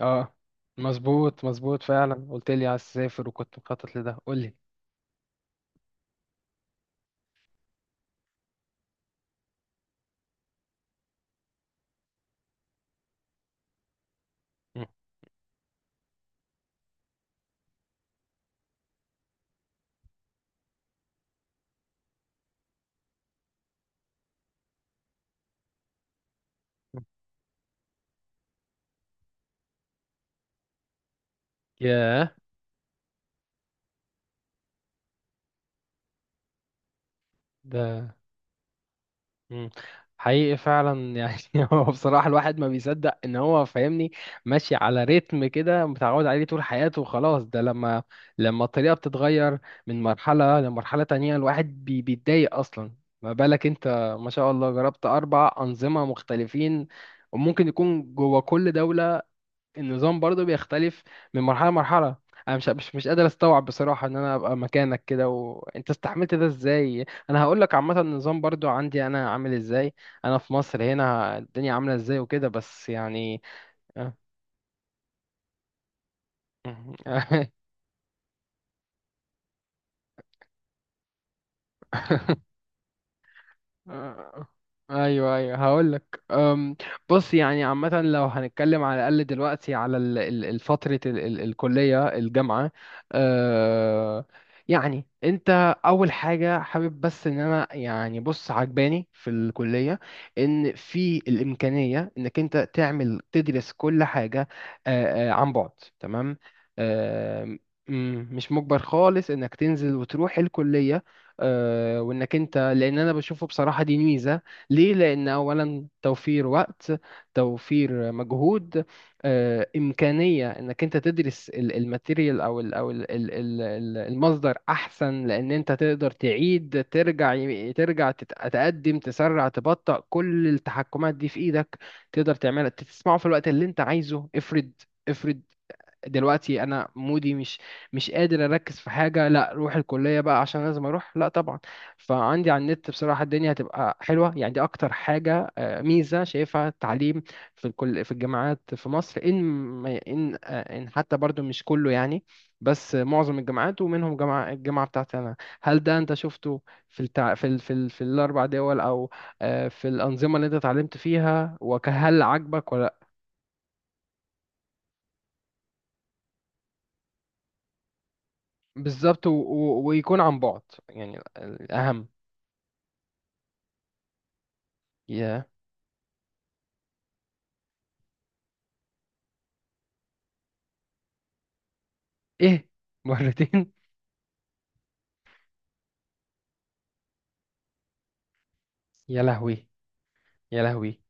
اه. مظبوط مظبوط فعلا، قلت لي عايز تسافر وكنت مخطط لده، قول لي. مم. ياه. ده. مم. حقيقي فعلا يعني هو بصراحة الواحد ما بيصدق ان هو فاهمني، ماشي على رتم كده متعود عليه طول حياته وخلاص. ده لما الطريقة بتتغير من مرحلة لمرحلة تانية الواحد بيتضايق اصلا، ما بالك انت. ما شاء الله جربت اربع انظمة مختلفين، وممكن يكون جوه كل دولة النظام برضو بيختلف من مرحلة لمرحلة. انا مش قادر استوعب بصراحة ان انا ابقى مكانك كده وانت استحملت ده ازاي. انا هقول لك عامة النظام برضو عندي انا عامل ازاي، انا في مصر هنا الدنيا عاملة ازاي وكده، بس يعني. آه. آه، ايوه ايوه، هقول لك. بص يعني عامه، لو هنتكلم على الاقل دلوقتي على فتره الكليه الجامعه. آه، يعني انت اول حاجه حابب بس ان انا يعني بص، عجباني في الكليه، ان في الامكانيه انك انت تعمل تدرس كل حاجه، عن بعد. تمام. آه، مش مجبر خالص انك تنزل وتروح الكليه. وانك انت، لان انا بشوفه بصراحة دي ميزة. ليه؟ لان اولا توفير وقت، توفير مجهود. امكانية انك انت تدرس الماتيريال او المصدر احسن، لان انت تقدر تعيد، ترجع، ترجع، تقدم، تسرع، تبطئ، كل التحكمات دي في ايدك. تقدر تعملها، تسمعه في الوقت اللي انت عايزه. افرض، افرض دلوقتي انا مودي، مش قادر اركز في حاجه، لا روح الكليه بقى عشان لازم اروح؟ لا طبعا. فعندي على النت بصراحه الدنيا هتبقى حلوه يعني، دي اكتر حاجه ميزه شايفها التعليم في الكل، في الجامعات في مصر، ان ان حتى برضو مش كله يعني، بس معظم الجامعات ومنهم الجامعه بتاعتي انا. هل ده انت شفته في التع... في ال... في, ال... في الاربع دول، او في الانظمه اللي انت اتعلمت فيها وهل عاجبك ولا؟ بالظبط، ويكون عن بعد يعني، الأهم. يا، إيه؟ مرتين؟ يا لهوي! يا لهوي!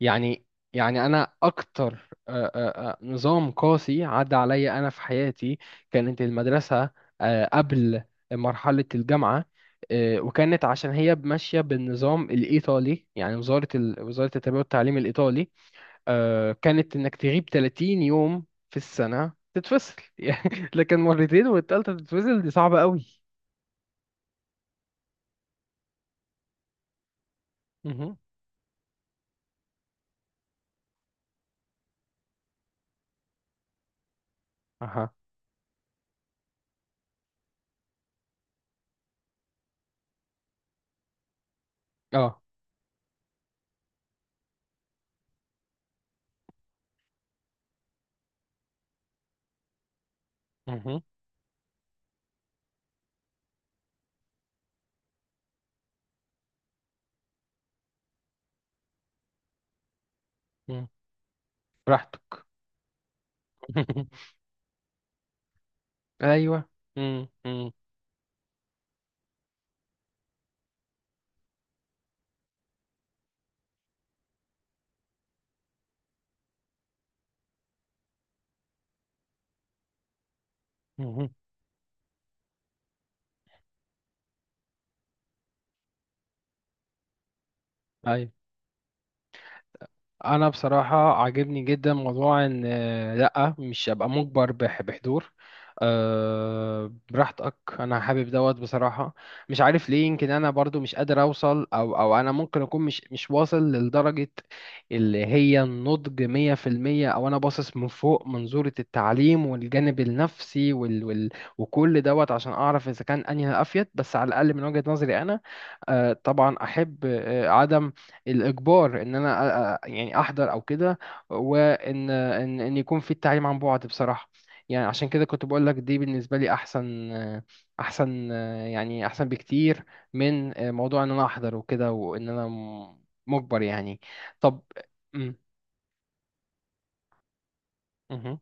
يعني أنا أكتر نظام قاسي عدى عليا أنا في حياتي كانت المدرسة، قبل مرحلة الجامعة، وكانت عشان هي ماشية بالنظام الإيطالي، يعني وزارة وزارة التربية والتعليم الإيطالي. كانت انك تغيب 30 يوم في السنة تتفصل يعني، لكن مرتين والتالتة تتفصل، دي صعبة قوي. مهم. اها. اه. مهم. مم. براحتك. ايوه. مم. مم. مهم. انا بصراحه عاجبني جدا موضوع ان، لا، مش ابقى مجبر بحضور. أه براحتك، انا حابب دوت بصراحه. مش عارف ليه، يمكن انا برضو مش قادر اوصل او انا ممكن اكون مش واصل لدرجه اللي هي النضج 100%، او انا باصص من فوق منظوره التعليم والجانب النفسي وال وال وكل دوت عشان اعرف اذا كان انهي الافيد، بس على الاقل من وجهه نظري انا طبعا احب عدم الاجبار ان انا يعني احضر او كده، وان ان ان يكون في التعليم عن بعد بصراحه. يعني عشان كده كنت بقول لك دي بالنسبه لي احسن، احسن يعني، احسن بكتير من موضوع ان انا احضر وكده، وان انا مجبر يعني. طب. مم. مهم.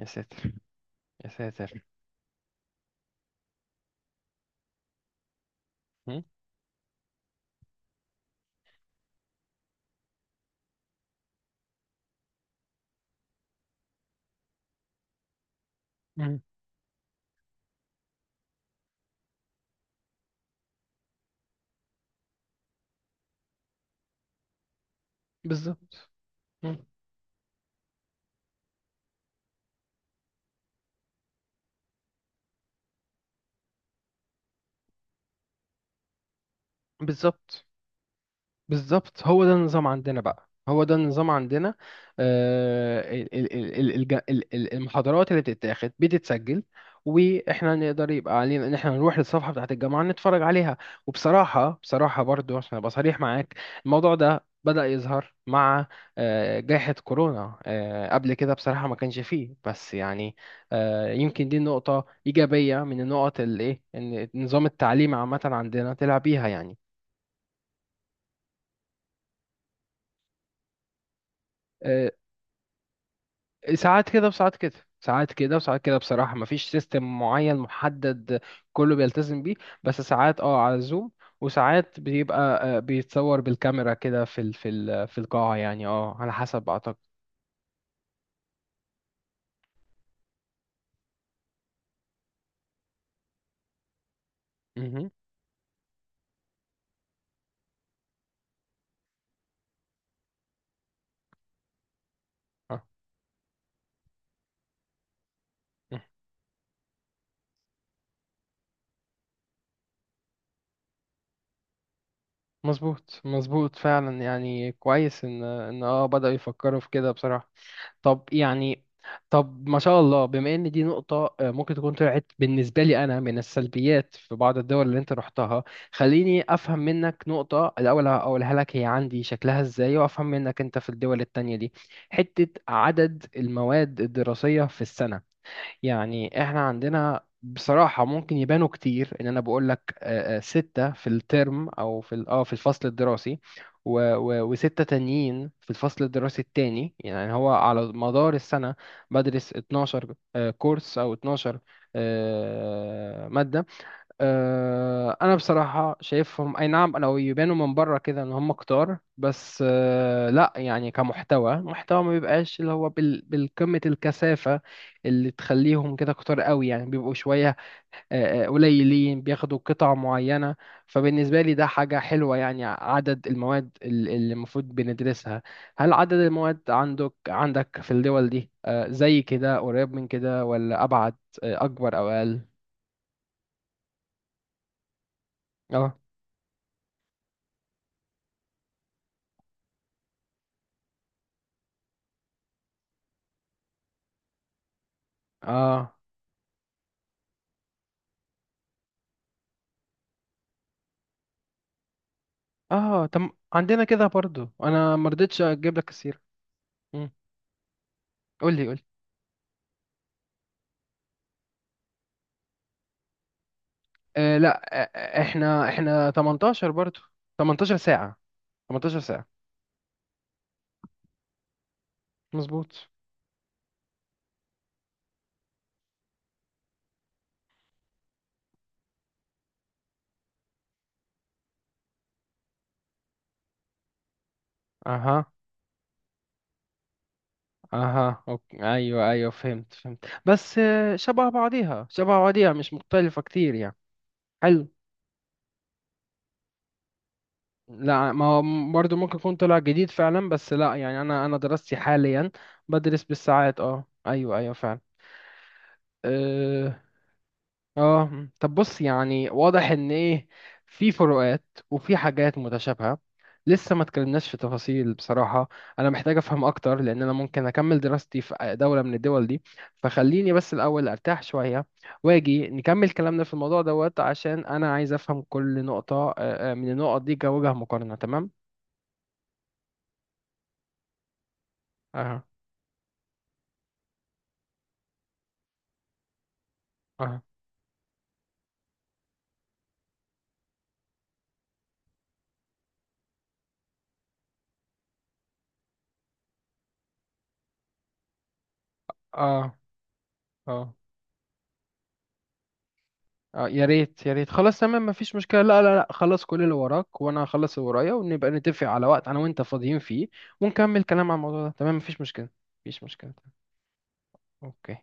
يا ساتر! يا ساتر! مم. مم. بالظبط. مم. بالظبط، بالظبط هو ده النظام عندنا بقى، هو ده النظام عندنا. المحاضرات اللي بتتاخد بتتسجل، واحنا نقدر، يبقى علينا ان احنا نروح للصفحه بتاعت الجامعه نتفرج عليها. وبصراحه برضو عشان ابقى صريح معاك، الموضوع ده بدأ يظهر مع جائحة كورونا، قبل كده بصراحة ما كانش فيه، بس يعني يمكن دي نقطة إيجابية من النقط اللي إيه إن نظام التعليم عامة عندنا طلع بيها يعني. آه، ساعات كده وساعات كده ساعات كده وساعات كده، بصراحة مفيش سيستم معين محدد كله بيلتزم بيه، بس ساعات على زوم، وساعات بيبقى بيتصور بالكاميرا كده في القاعة يعني، على حسب أعتقد. مهم. اه. مهم. مظبوط مظبوط فعلا يعني، كويس ان بدأوا يفكروا في كده بصراحة. طب يعني، طب ما شاء الله بما ان دي نقطة ممكن تكون طلعت بالنسبة لي انا من السلبيات في بعض الدول اللي انت رحتها. خليني افهم منك نقطة، الاول اقولها لك هي عندي شكلها ازاي، وافهم منك انت في الدول التانية دي، حتة عدد المواد الدراسية في السنة. يعني احنا عندنا بصراحة ممكن يبانوا كتير، ان انا بقول لك ستة في الترم او في في الفصل الدراسي، وستة تانيين في الفصل الدراسي التاني، يعني هو على مدار السنة بدرس 12 كورس كورس او 12 مادة. انا بصراحه شايفهم، اي نعم انا يبانوا من بره كده ان هم كتار، بس لا يعني كمحتوى، محتوى ما بيبقاش اللي هو بالقمه الكثافه اللي تخليهم كده كتار قوي، يعني بيبقوا شويه، قليلين بياخدوا قطع معينه. فبالنسبه لي ده حاجه حلوه يعني، عدد المواد اللي المفروض بندرسها. هل عدد المواد عندك في الدول دي زي كده قريب من كده ولا ابعد، اكبر او اقل؟ اه. اه. اه. طب عندنا كده برضو، انا ما رضيتش اجيب لك السيره. مم. قول لي، قول لي. لا، احنا 18 برضو. 18 ساعه. 18 ساعه. مظبوط. اها. اها. أوكي. ايوه، ايوه، فهمت، فهمت، بس شبه بعضيها، شبه بعضيها، مش مختلفه كتير يعني. حلو. لا ما هو برضو ممكن يكون طلع جديد فعلا، بس لا يعني انا دراستي حاليا بدرس بالساعات. اه ايوه ايوه فعلا. آه، اه. مم. طب بص يعني، واضح ان ايه، في فروقات وفي حاجات متشابهة. لسه ما اتكلمناش في تفاصيل بصراحة، انا محتاج افهم اكتر لان انا ممكن اكمل دراستي في دولة من الدول دي، فخليني بس الاول ارتاح شوية واجي نكمل كلامنا في الموضوع دوت، عشان انا عايز افهم كل نقطة من النقط دي كوجه مقارنة. تمام. اه. اه. اه. اه. اه. يا ريت، يا ريت، خلاص تمام مفيش مشكلة. لا لا لا خلاص، كل اللي وراك وانا هخلص اللي ورايا، ونبقى نتفق على وقت انا وانت فاضيين فيه، ونكمل كلام عن الموضوع ده. تمام مفيش مشكلة، مفيش مشكلة. اوكي.